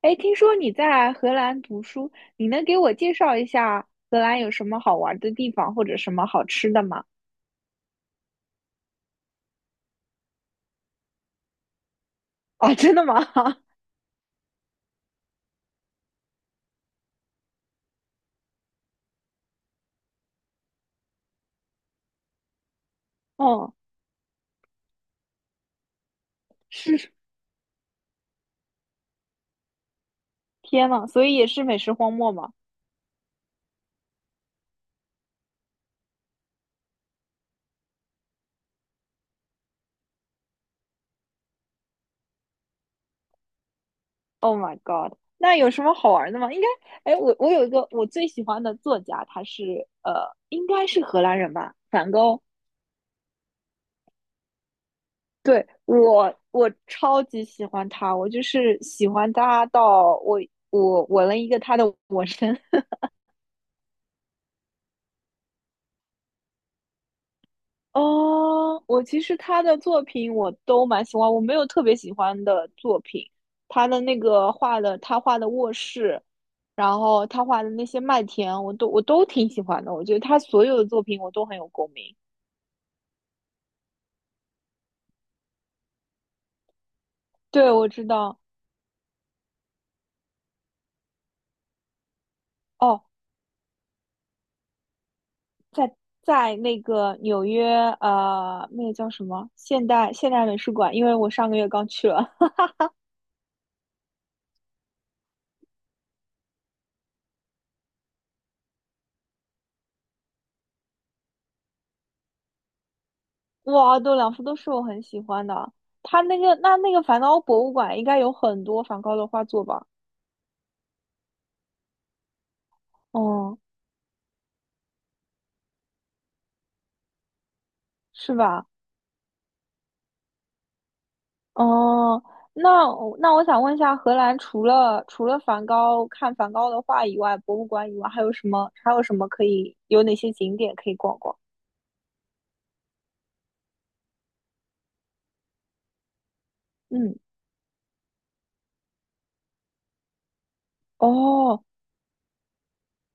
哎，听说你在荷兰读书，你能给我介绍一下荷兰有什么好玩的地方或者什么好吃的吗？啊，真的吗？哈，哦，天呐，所以也是美食荒漠吗？Oh my god，那有什么好玩的吗？应该，哎，我有一个我最喜欢的作家，他是应该是荷兰人吧，梵高。对，我超级喜欢他，我就是喜欢他到我纹了一个他的 纹身，哦，我其实他的作品我都蛮喜欢，我没有特别喜欢的作品。他的那个画的，他画的卧室，然后他画的那些麦田，我都挺喜欢的。我觉得他所有的作品我都很有共鸣。对，我知道。哦，在那个纽约，那个叫什么现代美术馆，因为我上个月刚去了。哇，都两幅都是我很喜欢的。他那个那个梵高博物馆应该有很多梵高的画作吧？哦。是吧？哦，那我想问一下，荷兰除了梵高看梵高的画以外，博物馆以外，还有什么可以有哪些景点可以逛逛？嗯，哦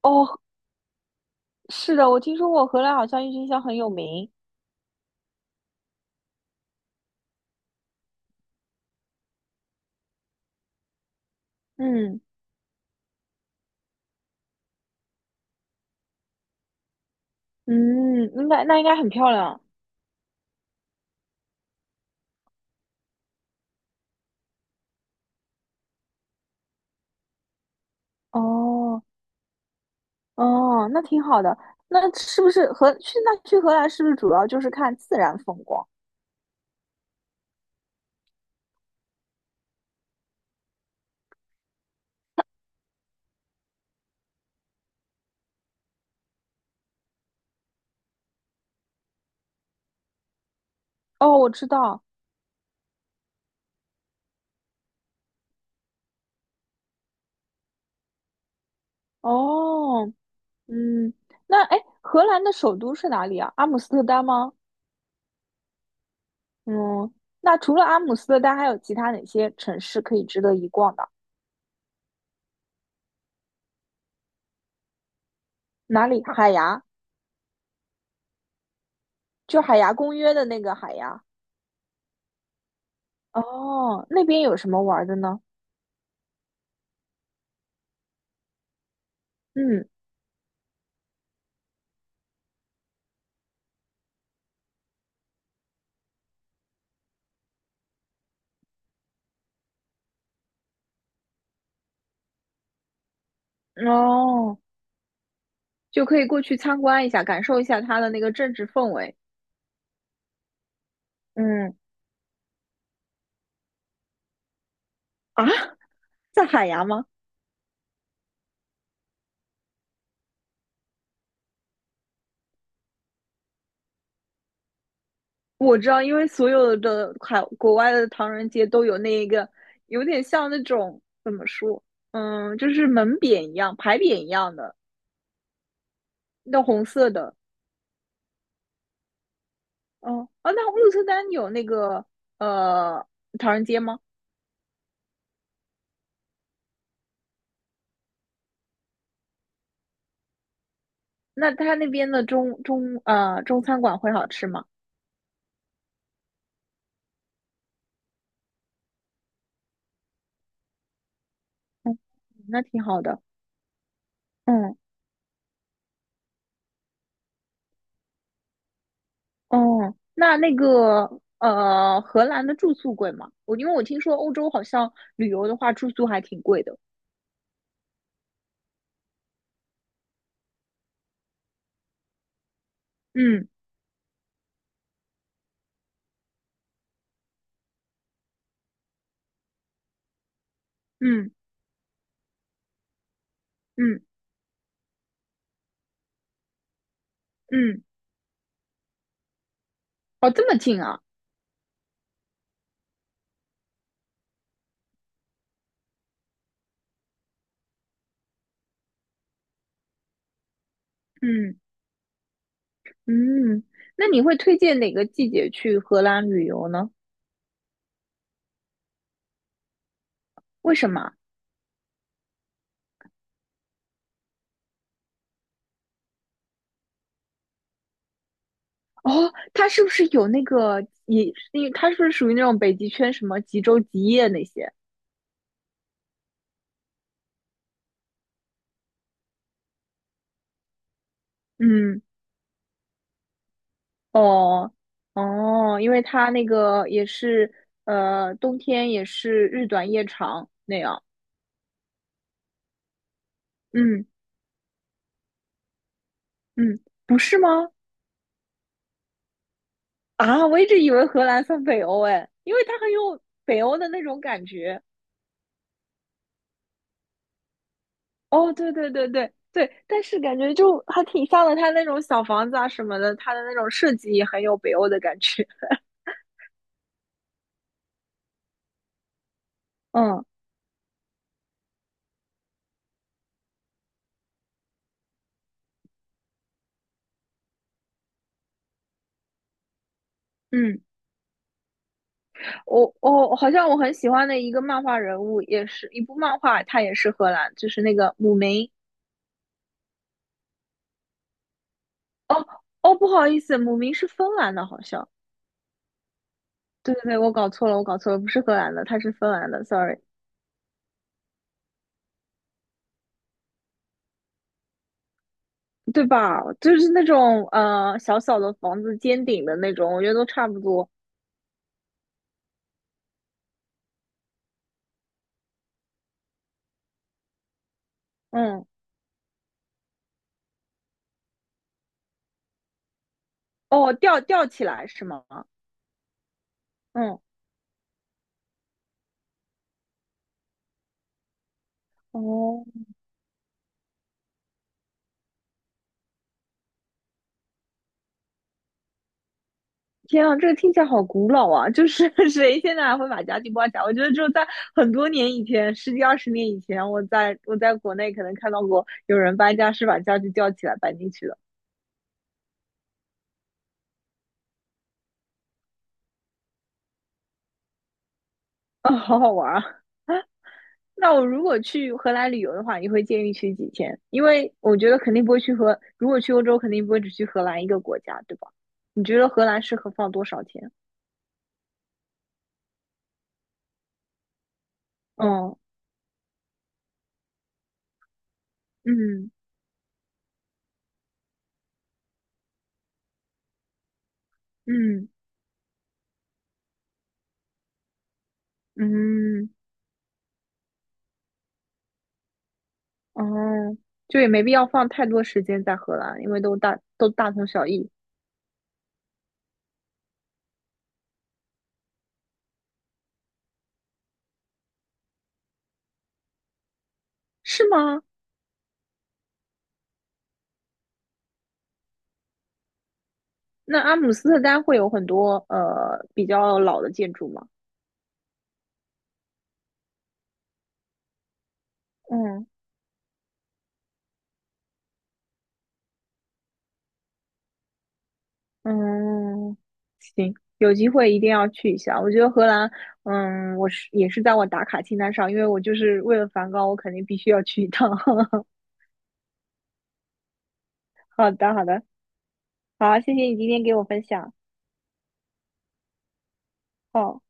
哦，是的，我听说过荷兰好像郁金香很有名。嗯嗯，应该那应该很漂亮。哦哦，那挺好的。那是不是荷去那去荷兰是不是主要就是看自然风光？哦，我知道。哦嗯，那哎，荷兰的首都是哪里啊？阿姆斯特丹吗？嗯，那除了阿姆斯特丹，还有其他哪些城市可以值得一逛的？哪里？海牙，就海牙公约的那个海牙。哦，那边有什么玩的呢？嗯，哦，就可以过去参观一下，感受一下它的那个政治氛围。嗯，啊，在海牙吗？我知道，因为所有的国外的唐人街都有那个，有点像那种怎么说，嗯，就是门匾一样、牌匾一样的，那红色的。哦，啊，那鹿特丹有那个呃唐人街吗？那他那边的中餐馆会好吃吗？嗯，那挺好的。嗯，哦，那荷兰的住宿贵吗？因为我听说欧洲好像旅游的话住宿还挺贵的。嗯嗯嗯嗯。哦，这么近啊，嗯嗯，那你会推荐哪个季节去荷兰旅游呢？为什么？哦，它是不是有那个也，因为它是不是属于那种北极圈什么极昼极夜那些？嗯，哦哦，因为它那个也是呃，冬天也是日短夜长那样。嗯嗯，不是吗？啊，我一直以为荷兰算北欧哎，因为它很有北欧的那种感觉。哦，对对对对对，但是感觉就还挺像的，它那种小房子啊什么的，它的那种设计也很有北欧的感觉。嗯嗯，我好像我很喜欢的一个漫画人物，也是一部漫画，它也是荷兰，就是那个姆明。哦哦，不好意思，姆明是芬兰的，好像。对对对，我搞错了，我搞错了，不是荷兰的，它是芬兰的，sorry，对吧？就是那种小小的房子，尖顶的那种，我觉得都差不多。嗯，哦，吊起来是吗？嗯。哦，天啊，这个听起来好古老啊！就是 谁现在还会把家具包起来？我觉得只有在很多年以前，十几二十年以前，我在国内可能看到过有人搬家是把家具吊起来搬进去的。啊，好好玩啊！那我如果去荷兰旅游的话，你会建议去几天？因为我觉得肯定不会如果去欧洲，肯定不会只去荷兰一个国家，对吧？你觉得荷兰适合放多少天？嗯嗯嗯嗯。哦，就也没必要放太多时间在荷兰，因为都大都大同小异，是吗？那阿姆斯特丹会有很多比较老的建筑吗？嗯嗯，行，有机会一定要去一下。我觉得荷兰，嗯，我也是在我打卡清单上，因为我就是为了梵高，我肯定必须要去一趟。好的好的，好，谢谢你今天给我分享。好。